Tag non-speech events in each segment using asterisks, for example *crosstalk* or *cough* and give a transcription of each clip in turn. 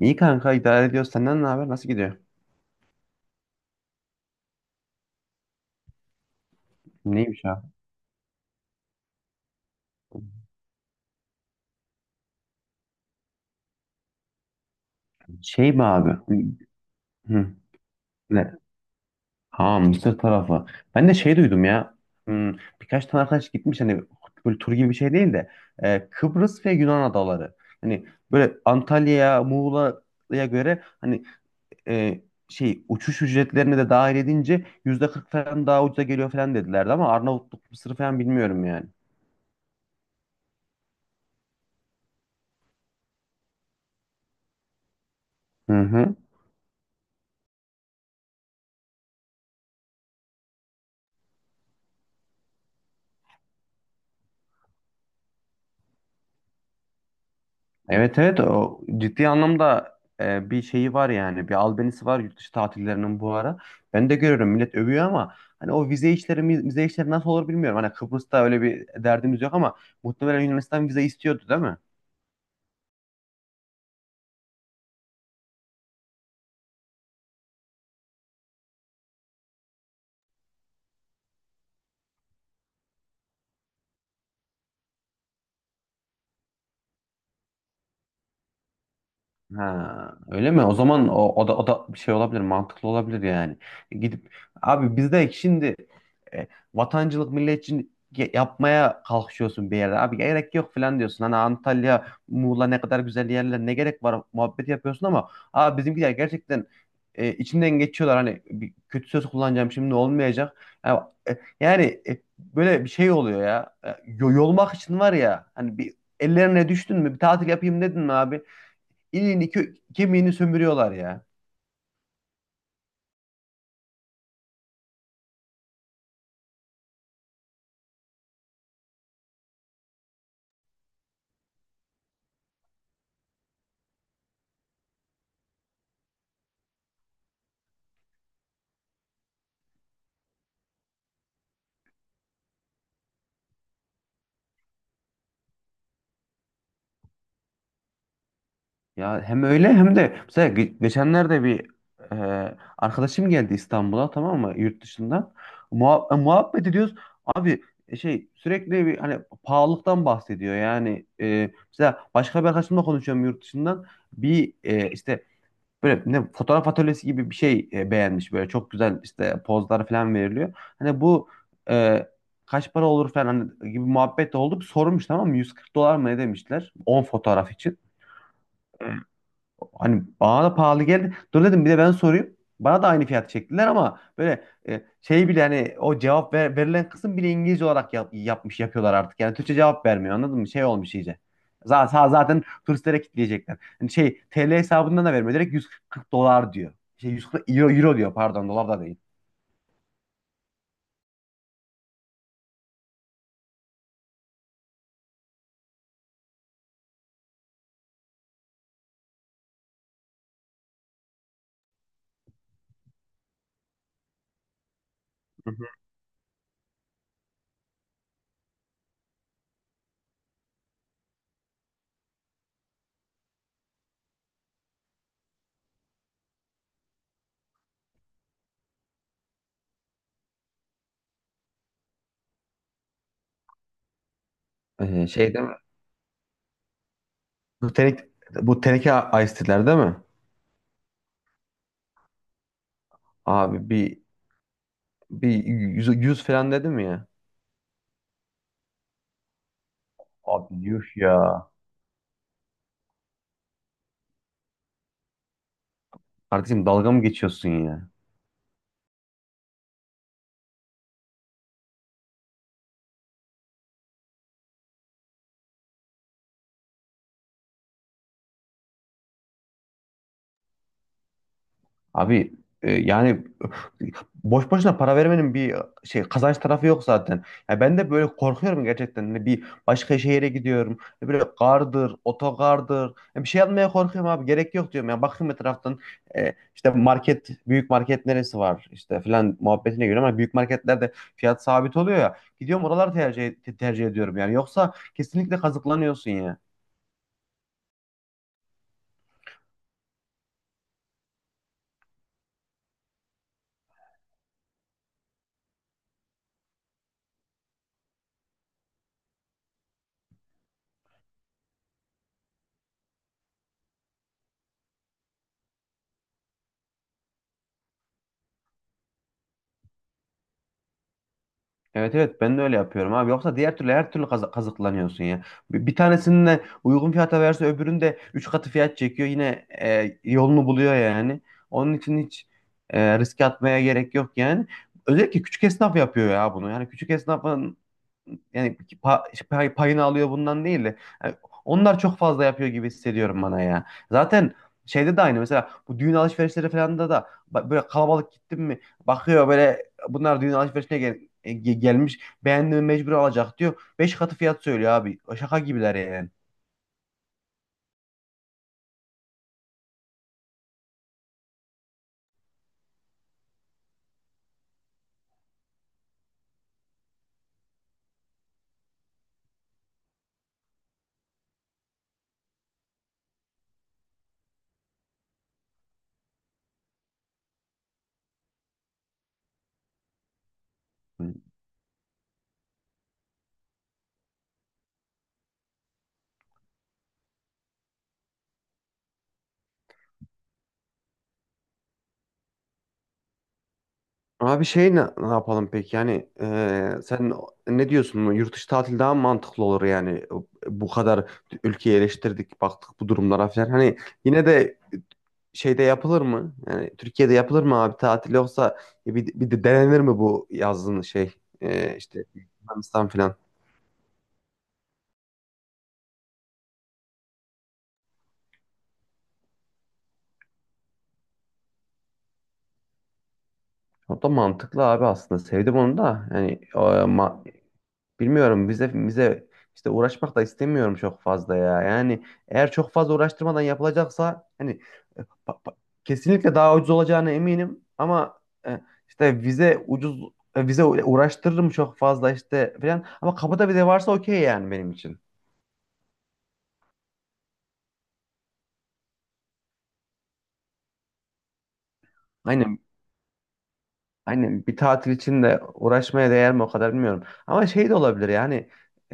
İyi kanka idare ediyoruz. Senden ne haber? Nasıl gidiyor? Neymiş ya? Şey mi abi? Hı. Ne? Ha Mısır tarafı. Ben de şey duydum ya. Hmm, birkaç tane arkadaş gitmiş hani böyle tur gibi bir şey değil de Kıbrıs ve Yunan adaları. Hani böyle Antalya'ya, Muğla'ya göre hani e, şey uçuş ücretlerini de dahil edince yüzde 40 falan daha ucuza geliyor falan dedilerdi ama Arnavutluk, Mısır falan bilmiyorum yani. Hı hı. Evet, evet o ciddi anlamda bir şeyi var yani bir albenisi var yurt dışı tatillerinin bu ara. Ben de görüyorum millet övüyor ama hani o vize işleri nasıl olur bilmiyorum. Hani Kıbrıs'ta öyle bir derdimiz yok ama muhtemelen Yunanistan vize istiyordu değil mi? Ha, öyle mi? O zaman o da bir şey olabilir, mantıklı olabilir yani. Gidip abi biz şimdi e, vatancılık milletçilik yapmaya kalkışıyorsun bir yerde. Abi gerek yok falan diyorsun. Hani Antalya, Muğla ne kadar güzel yerler, ne gerek var muhabbeti yapıyorsun ama abi bizimkiler gerçekten içimden geçiyorlar. Hani bir kötü söz kullanacağım, şimdi olmayacak. Ya, yani, böyle bir şey oluyor ya. Yolmak için var ya hani, bir ellerine düştün mü, bir tatil yapayım dedin mi abi? İliğini kemiğini sömürüyorlar ya. Ya hem öyle hem de mesela geçenlerde bir e, arkadaşım geldi İstanbul'a, tamam mı, yurt dışından. Muhabbet ediyoruz. Abi şey, sürekli bir hani pahalılıktan bahsediyor. Yani mesela başka bir arkadaşımla konuşuyorum yurt dışından. Bir işte böyle ne fotoğraf atölyesi gibi bir şey beğenmiş, böyle çok güzel işte pozlar falan veriliyor. Hani bu e, kaç para olur falan hani gibi muhabbet de oldu. Bir sormuş, tamam mı? 140 dolar mı ne demişler 10 fotoğraf için. Hani bana da pahalı geldi. Dur dedim, bir de ben sorayım. Bana da aynı fiyat çektiler, ama böyle şey bile, hani o cevap verilen kısım bile İngilizce olarak yapmış yapıyorlar artık. Yani Türkçe cevap vermiyor, anladın mı? Şey olmuş iyice. Zaten turistlere kitleyecekler. Hani şey, TL hesabından da vermiyor. Direkt 140 dolar diyor. Şey, 140 euro diyor, pardon, dolar da değil. Hı hı. Şey değil mi? Bu teneke, bu teneke ice tea'ler değil mi? Abi bir yüz, yüz falan dedim ya. Abi, yuh ya. Kardeşim, dalga mı geçiyorsun ya? Abi yani, boş boşuna para vermenin bir şey kazanç tarafı yok zaten. Ya ben de böyle korkuyorum gerçekten. Hani bir başka şehire gidiyorum. Ya böyle, gardır, otogardır. Ya bir şey almaya korkuyorum abi. Gerek yok diyorum. Ya bakayım etraftan işte market, büyük market neresi var işte falan muhabbetine göre, ama büyük marketlerde fiyat sabit oluyor ya. Gidiyorum, oraları tercih ediyorum yani. Yoksa kesinlikle kazıklanıyorsun ya. Evet, evet ben de öyle yapıyorum abi. Yoksa diğer türlü her türlü kazıklanıyorsun ya. Bir tanesini de uygun fiyata verse öbürünü de 3 katı fiyat çekiyor. Yine yolunu buluyor yani. Onun için hiç riske atmaya gerek yok yani. Özellikle küçük esnaf yapıyor ya bunu. Yani küçük esnafın, yani payını alıyor bundan değil de, yani onlar çok fazla yapıyor gibi hissediyorum bana ya. Zaten şeyde de aynı, mesela bu düğün alışverişleri falan da, böyle kalabalık gittim mi bakıyor, böyle bunlar düğün alışverişine gelmiş, beğendiğimi mecbur alacak diyor. Beş katı fiyat söylüyor abi. Şaka gibiler yani. Hı. Abi şey, ne yapalım peki yani, sen ne diyorsun, yurt dışı tatil daha mı mantıklı olur yani? Bu kadar ülkeyi eleştirdik, baktık bu durumlara falan, hani yine de şeyde yapılır mı? Yani Türkiye'de yapılır mı abi tatil, yoksa bir de denenir mi bu yazın, şey işte Yunanistan falan. O da mantıklı abi, aslında sevdim onu da yani, bilmiyorum, bize işte uğraşmak da istemiyorum çok fazla ya. Yani eğer çok fazla uğraştırmadan yapılacaksa, hani pa- pa- kesinlikle daha ucuz olacağına eminim, ama e, işte vize, ucuz vize, uğraştırırım çok fazla işte falan, ama kapıda vize varsa okey yani benim için. Aynen. Aynen, bir tatil için de uğraşmaya değer mi o kadar bilmiyorum. Ama şey de olabilir yani,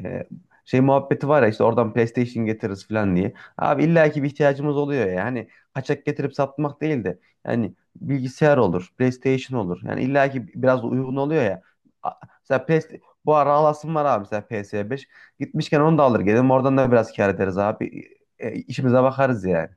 e, şey muhabbeti var ya, işte oradan PlayStation getiririz falan diye. Abi illaki bir ihtiyacımız oluyor ya. Yani kaçak getirip satmak değil de, yani bilgisayar olur, PlayStation olur. Yani illaki biraz da uygun oluyor ya. A- Mesela PS, bu ara alasım var abi, mesela PS5. Gitmişken onu da alır gelirim, oradan da biraz kâr ederiz abi. E, işimize bakarız yani.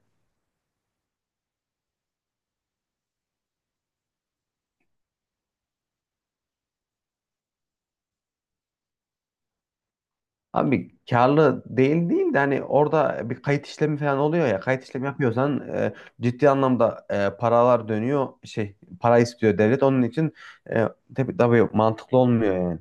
Abi karlı değil de, hani orada bir kayıt işlemi falan oluyor ya, kayıt işlemi yapıyorsan ciddi anlamda paralar dönüyor, şey, para istiyor devlet onun için, e, tabii, tabii mantıklı olmuyor yani.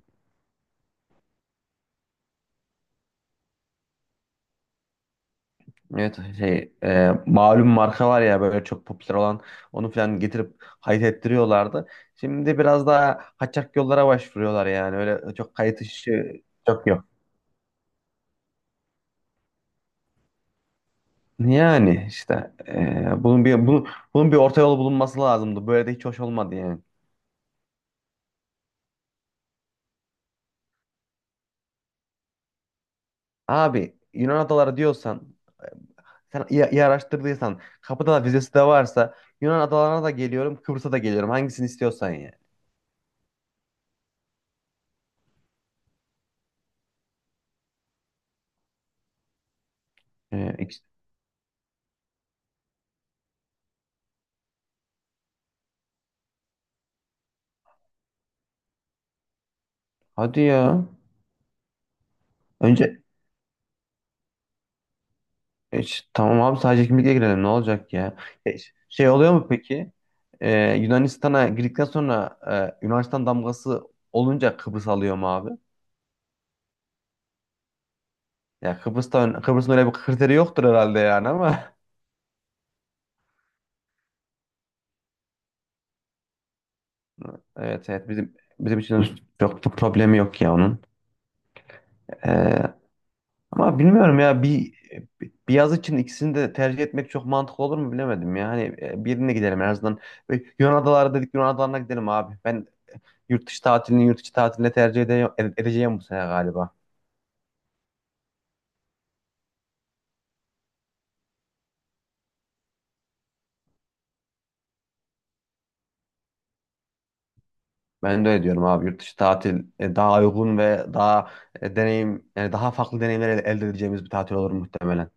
Evet, şey malum marka var ya, böyle çok popüler olan, onu falan getirip kayıt ettiriyorlardı. Şimdi biraz daha kaçak yollara başvuruyorlar, yani öyle çok kayıt işi çok yok. Yani işte bunun bir orta yol bulunması lazımdı. Böyle de hiç hoş olmadı yani. Abi Yunan adaları diyorsan, sen iyi araştırdıysan, kapıda da vizesi de varsa, Yunan adalarına da geliyorum, Kıbrıs'a da geliyorum, hangisini istiyorsan yani. Ee, ikisi- hadi ya. Önce tamam abi, sadece kimlikle girelim, ne olacak ya. Şey oluyor mu peki? Yunanistan'a girdikten sonra, Yunanistan damgası olunca Kıbrıs alıyor mu abi? Ya Kıbrıs'ta, Kıbrıs'ın öyle bir kriteri yoktur herhalde yani, ama *laughs* evet, evet bizim için çok bir problemi yok ya onun. Ee, Ama bilmiyorum ya, bir yaz için ikisini de tercih etmek çok mantıklı olur mu bilemedim ya. Hani birine gidelim en azından. Ve Yunan adaları dedik, Yunan adalarına gidelim abi. Ben yurt dışı tatilini yurt içi tatiline edeceğim bu sene galiba. Ben de öyle diyorum abi. Yurt dışı tatil daha uygun ve daha deneyim, yani daha farklı deneyimler elde edeceğimiz bir tatil olur muhtemelen.